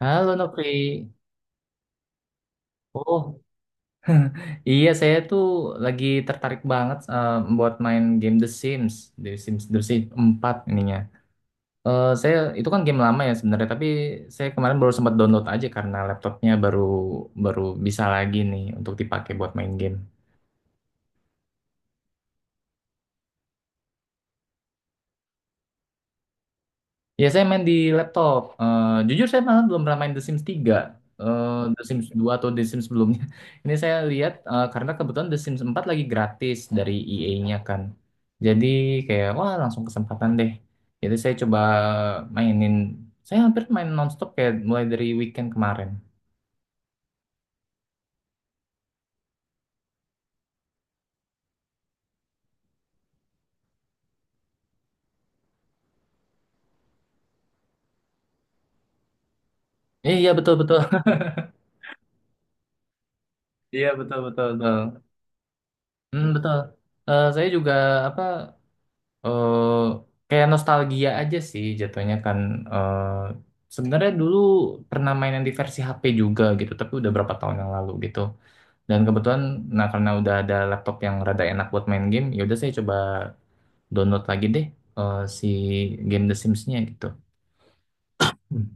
Halo Nopri. Oh, iya saya tuh lagi tertarik banget buat main game The Sims, The Sims 4 ininya. Saya itu kan game lama ya sebenarnya, tapi saya kemarin baru sempat download aja karena laptopnya baru baru bisa lagi nih untuk dipakai buat main game. Ya, saya main di laptop. Jujur saya malah belum pernah main The Sims 3. The Sims 2 atau The Sims sebelumnya. Ini saya lihat karena kebetulan The Sims 4 lagi gratis dari EA-nya kan. Jadi kayak wah langsung kesempatan deh. Jadi saya coba mainin. Saya hampir main nonstop kayak mulai dari weekend kemarin. Iya betul betul. Iya betul betul betul. Hmm, betul. Saya juga apa eh kayak nostalgia aja sih jatuhnya kan eh sebenarnya dulu pernah main yang di versi HP juga gitu tapi udah berapa tahun yang lalu gitu dan kebetulan nah karena udah ada laptop yang rada enak buat main game ya udah saya coba download lagi deh si game The Sims-nya gitu. Hmm.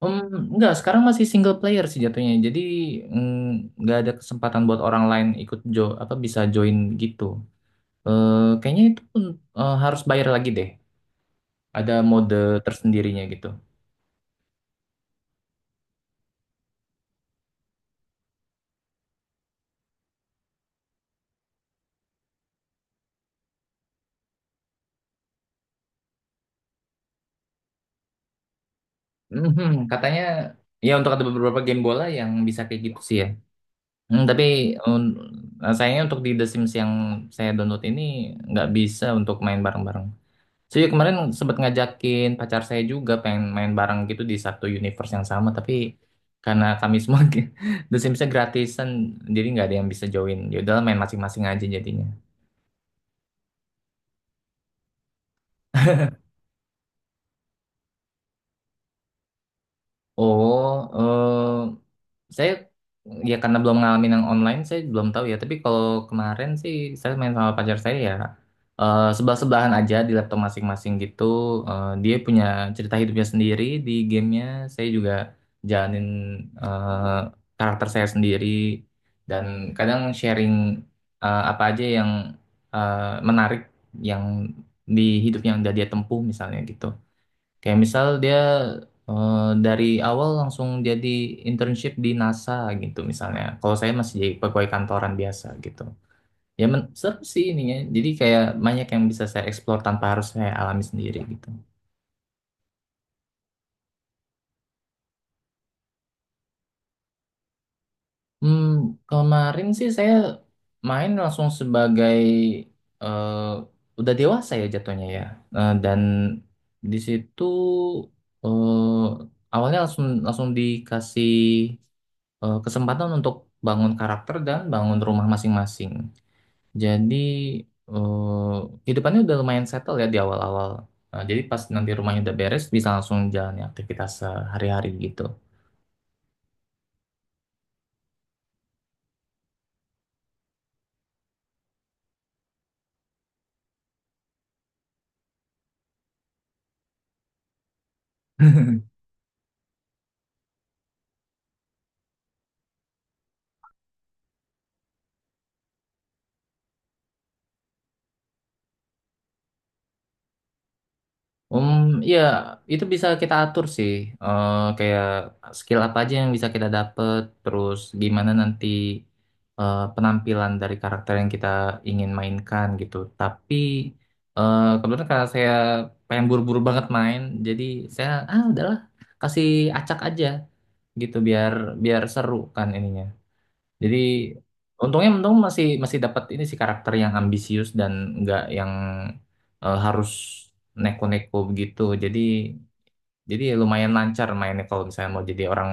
Hmm, enggak, sekarang masih single player sih jatuhnya. Jadi nggak ada kesempatan buat orang lain ikut jo apa bisa join gitu. Kayaknya itu pun harus bayar lagi deh. Ada mode tersendirinya gitu. Mhm, katanya ya untuk ada beberapa game bola yang bisa kayak gitu sih ya. Hmm, tapi um, sayangnya untuk di The Sims yang saya download ini nggak bisa untuk main bareng-bareng. Saya kemarin sempat ngajakin pacar saya juga pengen main bareng gitu di satu universe yang sama, tapi karena kami semua The Sims-nya gratisan, jadi nggak ada yang bisa join. Ya udahlah main masing-masing aja jadinya. Oh, eh, saya ya karena belum ngalamin yang online, saya belum tahu ya. Tapi kalau kemarin sih saya main sama pacar saya ya sebelah-sebelahan aja di laptop masing-masing gitu. Dia punya cerita hidupnya sendiri di gamenya. Saya juga jalanin eh, karakter saya sendiri dan kadang sharing apa aja yang eh, menarik yang di hidupnya yang udah dia tempuh misalnya gitu. Kayak misal dia dari awal langsung jadi internship di NASA gitu misalnya. Kalau saya masih jadi pegawai kantoran biasa gitu. Ya men seru sih ininya. Jadi kayak banyak yang bisa saya explore tanpa harus saya alami sendiri gitu. Hmm, kemarin sih saya main langsung sebagai udah dewasa ya jatuhnya ya. Dan di situ awalnya langsung langsung dikasih kesempatan untuk bangun karakter dan bangun rumah masing-masing. Jadi eh, kehidupannya udah lumayan settle ya di awal-awal. Nah, jadi pas nanti rumahnya udah beres bisa langsung jalani aktivitas sehari-hari gitu. Um, ya itu bisa kita atur sih. Kayak skill apa aja yang bisa kita dapet, terus gimana nanti penampilan dari karakter yang kita ingin mainkan gitu. Tapi kebetulan karena saya pengen buru-buru banget main, jadi saya ah udahlah kasih acak aja gitu biar biar seru kan ininya. Jadi untungnya untung masih masih dapat ini sih karakter yang ambisius dan nggak yang harus neko-neko begitu. Jadi lumayan lancar mainnya kalau misalnya mau jadi orang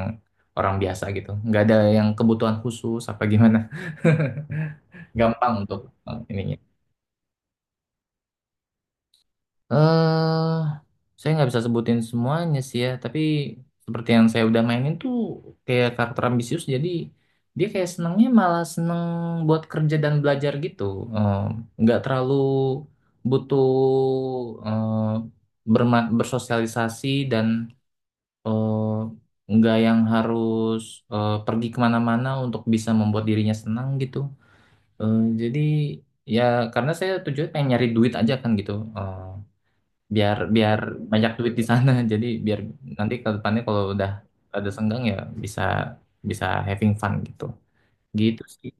orang biasa gitu. Nggak ada yang kebutuhan khusus apa gimana. Gampang untuk ininya. eh saya nggak bisa sebutin semuanya sih ya, tapi seperti yang saya udah mainin tuh kayak karakter ambisius, jadi dia kayak senangnya malah seneng buat kerja dan belajar gitu. Eh, nggak terlalu butuh eh, bersosialisasi dan nggak yang harus pergi kemana-mana untuk bisa membuat dirinya senang gitu. Jadi ya karena saya tujuannya pengen nyari duit aja kan gitu. Eh, biar biar banyak duit di sana. Jadi biar nanti ke depannya kalau udah ada senggang ya bisa bisa having fun gitu gitu sih.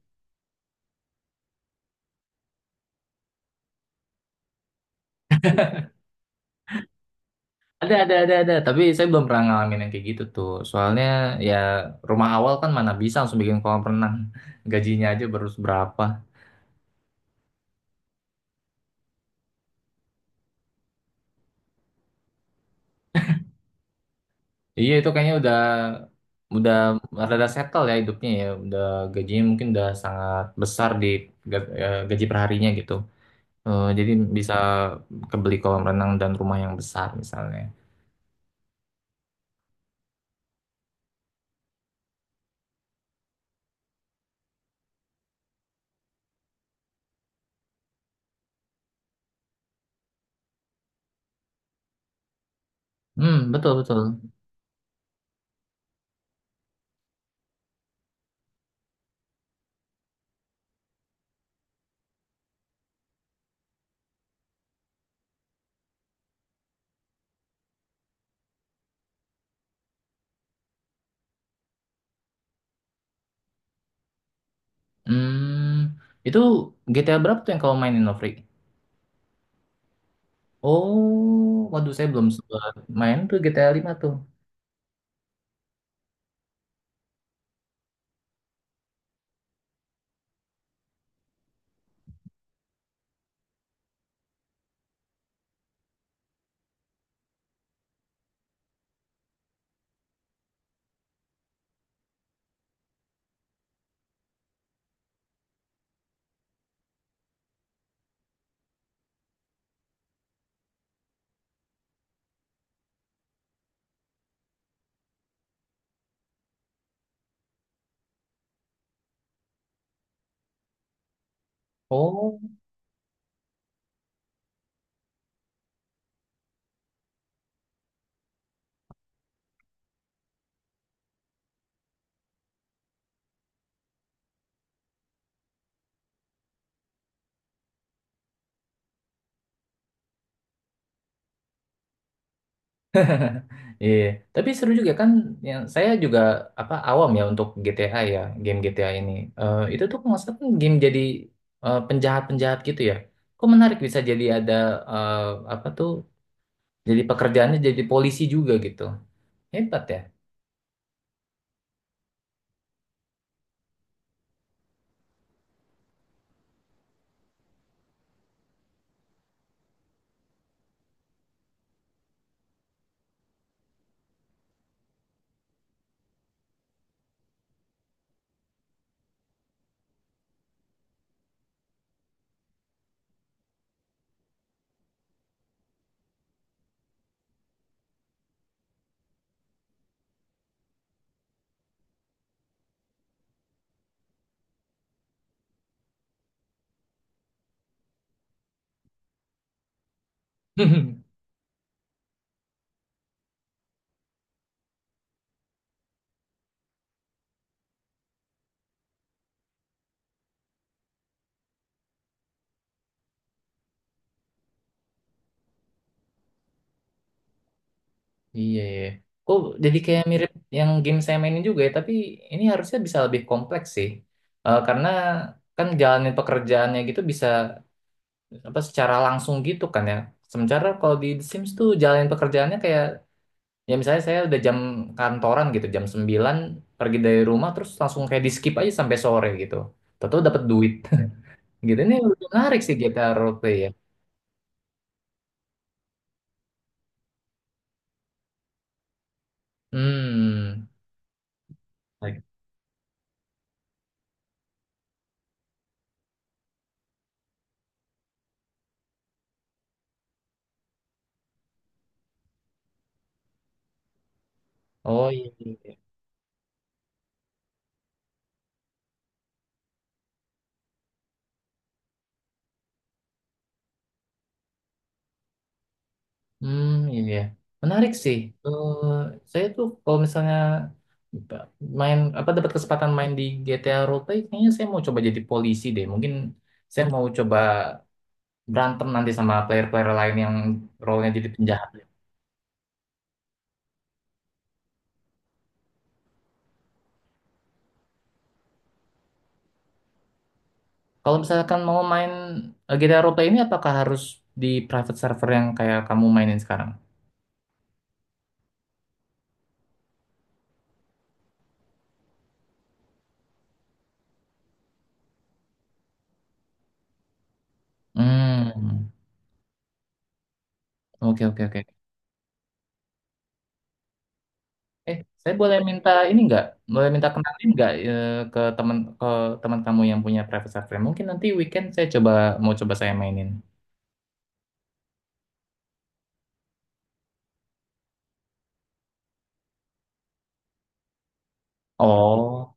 Ada, tapi saya belum pernah ngalamin yang kayak gitu tuh soalnya ya rumah awal kan mana bisa langsung bikin kolam renang. Gajinya aja baru seberapa. Iya itu kayaknya udah rada settle ya hidupnya ya udah. Gajinya mungkin udah sangat besar di gaji perharinya gitu. Jadi bisa kebeli kolam renang dan rumah yang besar misalnya. Hmm, betul betul. Hmm, itu GTA berapa tuh yang kamu mainin, Novri? Oh, waduh saya belum sempat main tuh GTA 5 tuh. Oh, iya. Tapi seru juga kan. Yang saya juga apa awam ya untuk GTA ya, game GTA ini. Itu tuh kalau nggak salah kan game jadi penjahat-penjahat gitu ya. Kok menarik bisa jadi ada eh, apa tuh? Jadi pekerjaannya jadi polisi juga gitu. Hebat ya. Iya ya. Kok jadi kayak mirip yang game saya mainin juga ya, tapi ini harusnya bisa lebih kompleks sih. Karena kan jalanin pekerjaannya gitu bisa apa secara langsung gitu kan ya. Sementara kalau di The Sims tuh jalanin pekerjaannya kayak ya misalnya saya udah jam kantoran gitu, jam 9 pergi dari rumah terus langsung kayak di skip aja sampai sore gitu. Tentu dapat duit. Gitu ini lebih menarik sih GTA roleplay ya. Hmm. Oh iya, iya. Hmm, iya. Menarik sih. Eh, saya tuh kalau misalnya main apa dapat kesempatan main di GTA Roleplay, kayaknya saya mau coba jadi polisi deh. Mungkin saya mau coba berantem nanti sama player-player lain yang role-nya jadi penjahat. Kalau misalkan mau main GTA Roleplay ini, apakah harus di private server yang kayak kamu mainin sekarang? Hmm, oke oke oke. Saya boleh minta ini nggak? Boleh minta kenalin nggak ke teman kamu yang punya private server? Mungkin nanti weekend saya coba mau coba saya mainin. Oh,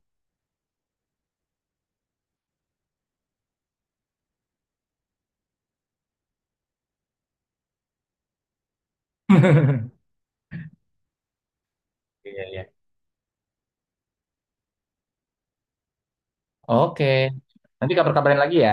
iya iya. Oke, nanti kabar-kabarin lagi ya.